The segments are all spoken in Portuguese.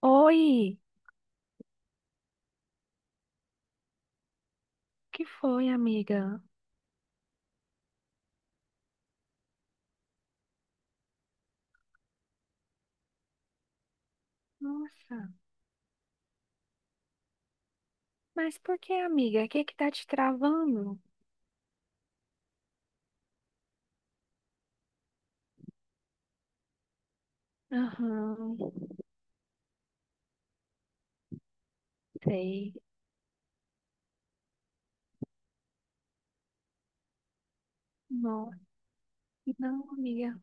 Oi, que foi, amiga? Nossa, mas por que, amiga? O que que tá te travando? Aham, sei. Não, não, amiga.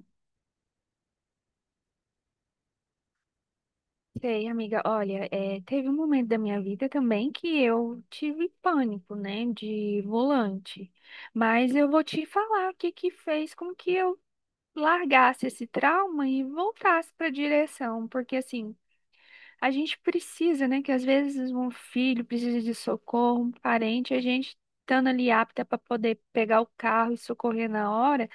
Sei, amiga. Olha, é, teve um momento da minha vida também que eu tive pânico, né, de volante. Mas eu vou te falar o que que fez com que eu largasse esse trauma e voltasse para a direção, porque assim a gente precisa, né? Que às vezes um filho precisa de socorro, um parente, a gente estando ali apta para poder pegar o carro e socorrer na hora,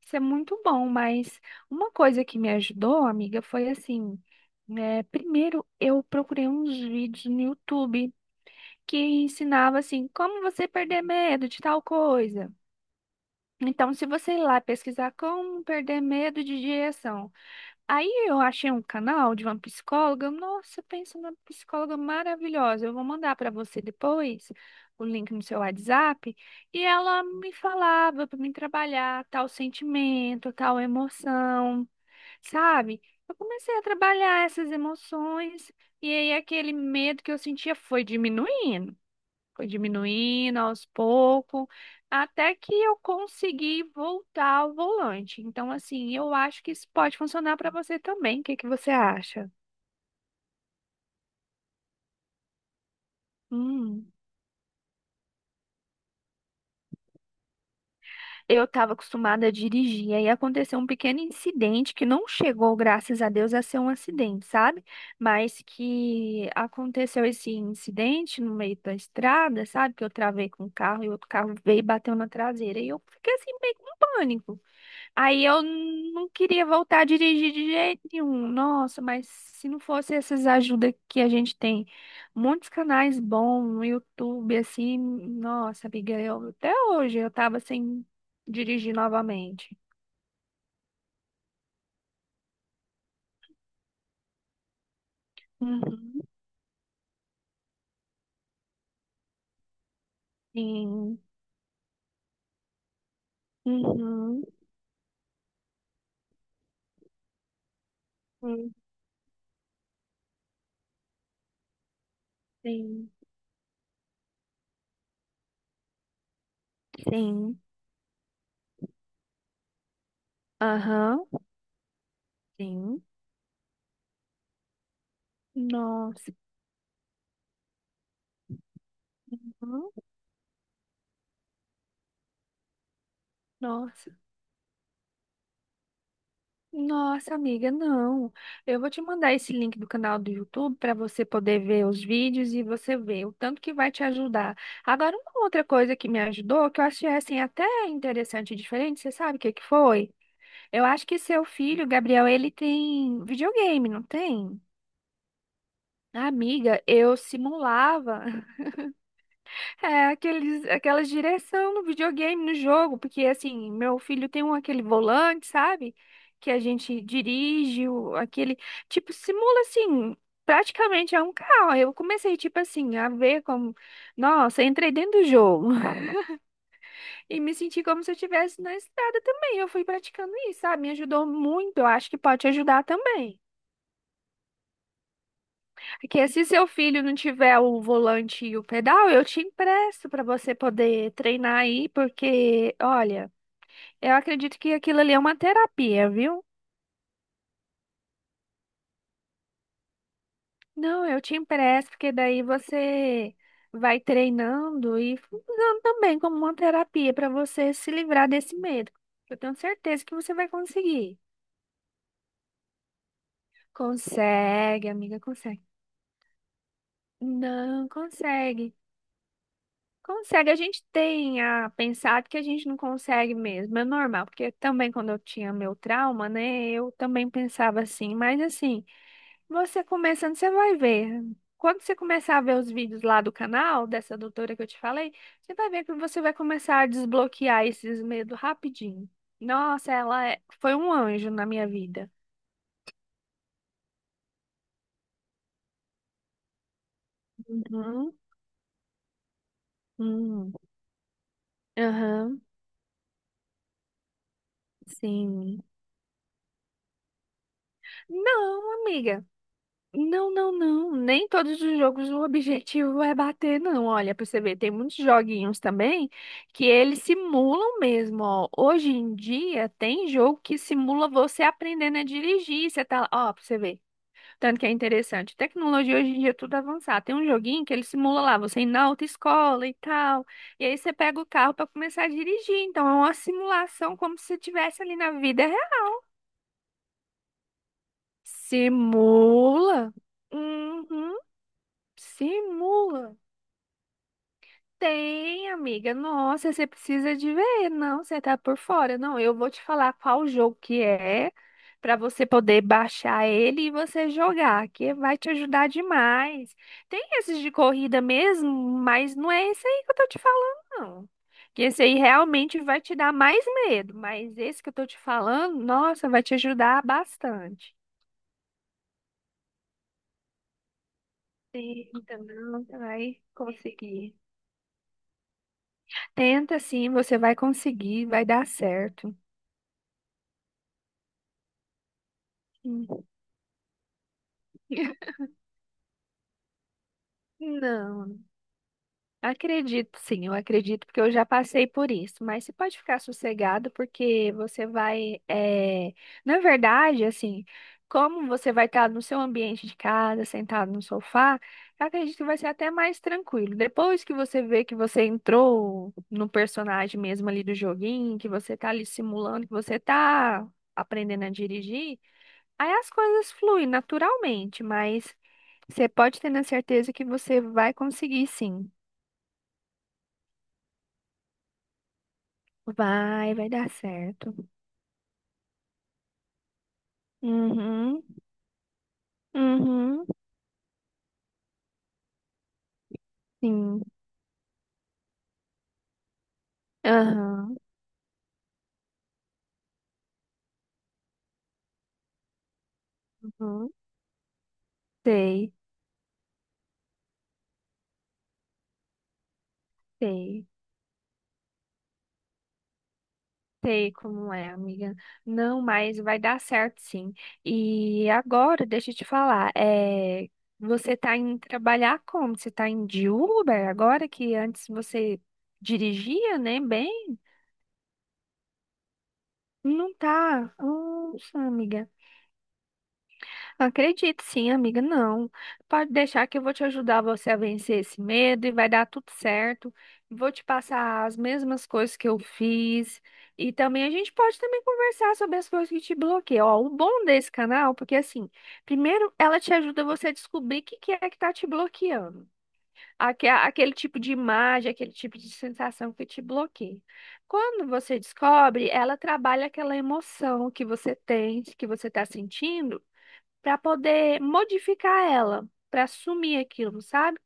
isso é muito bom. Mas uma coisa que me ajudou, amiga, foi assim: né, primeiro eu procurei uns vídeos no YouTube que ensinava assim, como você perder medo de tal coisa. Então, se você ir lá pesquisar como perder medo de direção. Aí eu achei um canal de uma psicóloga. Nossa, pensa numa psicóloga maravilhosa. Eu vou mandar para você depois o link no seu WhatsApp. E ela me falava para mim trabalhar tal sentimento, tal emoção, sabe? Eu comecei a trabalhar essas emoções e aí aquele medo que eu sentia foi diminuindo. Foi diminuindo aos poucos, até que eu consegui voltar ao volante. Então, assim, eu acho que isso pode funcionar para você também. O que que você acha? Hum, eu estava acostumada a dirigir, aí aconteceu um pequeno incidente que não chegou, graças a Deus, a ser um acidente, sabe? Mas que aconteceu esse incidente no meio da estrada, sabe? Que eu travei com o carro e outro carro veio e bateu na traseira. E eu fiquei assim, meio com pânico. Aí eu não queria voltar a dirigir de jeito nenhum. Nossa, mas se não fosse essas ajudas que a gente tem, muitos canais bons no YouTube, assim, nossa, amiga, eu, até hoje eu tava sem dirigir novamente. Uhum, sim, uhum, hum, sim, sim, aham, sim. Nossa, uhum, nossa. Nossa, amiga, não. Eu vou te mandar esse link do canal do YouTube para você poder ver os vídeos e você ver o tanto que vai te ajudar. Agora, uma outra coisa que me ajudou, que eu achei assim até interessante e diferente, você sabe o que que foi? Eu acho que seu filho, Gabriel, ele tem videogame, não tem? Amiga, eu simulava. É, aqueles, aquelas direção no videogame, no jogo, porque assim, meu filho tem um aquele volante, sabe? Que a gente dirige, aquele, tipo, simula assim, praticamente é um carro. Aí eu comecei, tipo assim, a ver como, nossa, entrei dentro do jogo e me senti como se eu estivesse na estrada também. Eu fui praticando isso, sabe? Me ajudou muito, eu acho que pode te ajudar também. Porque se seu filho não tiver o volante e o pedal, eu te empresto para você poder treinar aí, porque, olha. Eu acredito que aquilo ali é uma terapia, viu? Não, eu te empresto, porque daí você vai treinando e usando também como uma terapia para você se livrar desse medo. Eu tenho certeza que você vai conseguir. Consegue, amiga, consegue. Não, consegue. Consegue. A gente tem a pensado que a gente não consegue mesmo, é normal, porque também quando eu tinha meu trauma, né, eu também pensava assim, mas assim. Você começando, você vai ver. Quando você começar a ver os vídeos lá do canal, dessa doutora que eu te falei, você vai ver que você vai começar a desbloquear esses medos rapidinho. Nossa, ela foi um anjo na minha vida. Uhum. Hum. Aham, sim. Não, amiga. Não, não, não. Nem todos os jogos o objetivo é bater, não. Olha, pra você ver, tem muitos joguinhos também que eles simulam mesmo, ó. Hoje em dia tem jogo que simula você aprendendo a dirigir. Você tá lá, ó, pra você ver. Tanto que é interessante. Tecnologia hoje em dia é tudo avançado. Tem um joguinho que ele simula lá, você ir na autoescola e tal. E aí você pega o carro pra começar a dirigir. Então é uma simulação como se você estivesse ali na vida real. Simula. Uhum. Simula. Tem, amiga. Nossa, você precisa de ver. Não, você tá por fora. Não, eu vou te falar qual jogo que é para você poder baixar ele e você jogar, que vai te ajudar demais. Tem esses de corrida mesmo, mas não é esse aí que eu tô te falando, não. Que esse aí realmente vai te dar mais medo, mas esse que eu tô te falando, nossa, vai te ajudar bastante. Tenta, não, você vai conseguir. Tenta sim, você vai conseguir, vai dar certo. Não, acredito sim, eu acredito porque eu já passei por isso, mas você pode ficar sossegado porque você vai, é, na verdade, assim, como você vai estar no seu ambiente de casa, sentado no sofá, eu acredito que vai ser até mais tranquilo. Depois que você vê que você entrou no personagem mesmo ali do joguinho, que você tá ali simulando, que você tá aprendendo a dirigir, aí as coisas fluem naturalmente, mas você pode ter na certeza que você vai conseguir, sim. Vai, vai dar certo. Uhum, uhum, sim. Aham, uhum. Sei, sei, sei como é, amiga. Não, mas vai dar certo, sim. E agora, deixa eu te falar, é, você tá indo trabalhar como? Você tá indo de Uber agora que antes você dirigia, né, bem? Não tá? Nossa, amiga. Acredito sim, amiga. Não. Pode deixar que eu vou te ajudar você a vencer esse medo e vai dar tudo certo. Vou te passar as mesmas coisas que eu fiz. E também a gente pode também conversar sobre as coisas que te bloqueiam. Ó, o bom desse canal, porque assim, primeiro ela te ajuda você a descobrir o que que é que tá te bloqueando aquele tipo de imagem, aquele tipo de sensação que te bloqueia. Quando você descobre, ela trabalha aquela emoção que você tem, que você está sentindo, para poder modificar ela, para assumir aquilo, sabe?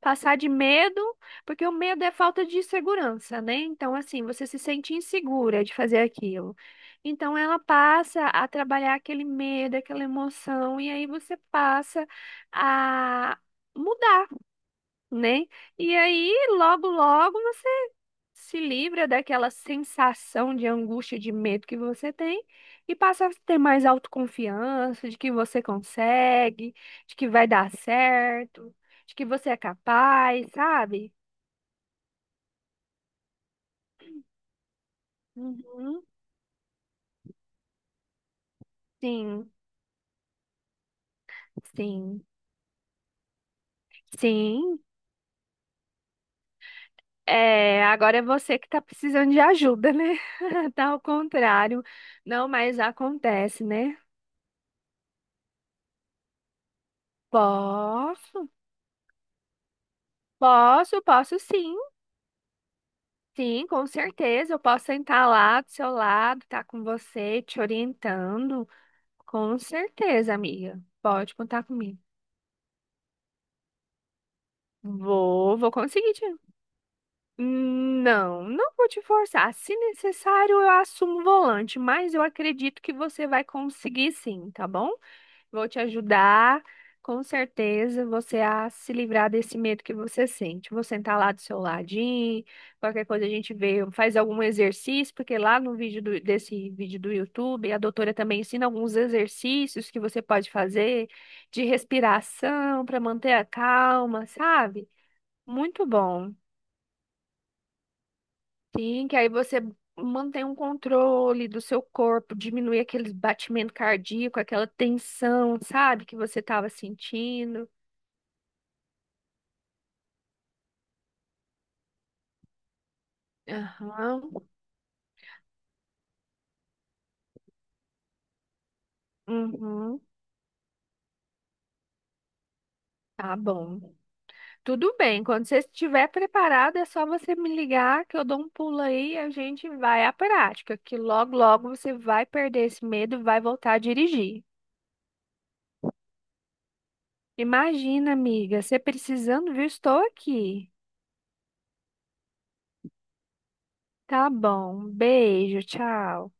Passar de medo, porque o medo é falta de segurança, né? Então, assim, você se sente insegura de fazer aquilo. Então, ela passa a trabalhar aquele medo, aquela emoção, e aí você passa a mudar né? E aí, logo, logo você se livra daquela sensação de angústia, de medo que você tem e passa a ter mais autoconfiança de que você consegue, de que vai dar certo, de que você é capaz, sabe? Uhum. Sim, sim, sim. É, agora é você que tá precisando de ajuda, né? Tá ao contrário. Não, mas acontece, né? Posso, posso, posso sim. Sim, com certeza. Eu posso sentar lá do seu lado, estar com você, te orientando. Com certeza, amiga. Pode contar comigo. Vou, vou conseguir te. Não, não vou te forçar. Se necessário, eu assumo o volante, mas eu acredito que você vai conseguir sim, tá bom? Vou te ajudar, com certeza, você a se livrar desse medo que você sente. Vou sentar lá do seu ladinho, qualquer coisa a gente vê, faz algum exercício, porque lá no vídeo desse vídeo do YouTube, a doutora também ensina alguns exercícios que você pode fazer de respiração para manter a calma, sabe? Muito bom. Sim, que aí você mantém um controle do seu corpo, diminui aquele batimento cardíaco, aquela tensão, sabe, que você estava sentindo. Aham, uhum, tá bom. Tudo bem, quando você estiver preparado, é só você me ligar que eu dou um pulo aí e a gente vai à prática, que logo, logo você vai perder esse medo e vai voltar a dirigir. Imagina, amiga, você precisando, viu? Estou aqui. Tá bom, beijo, tchau.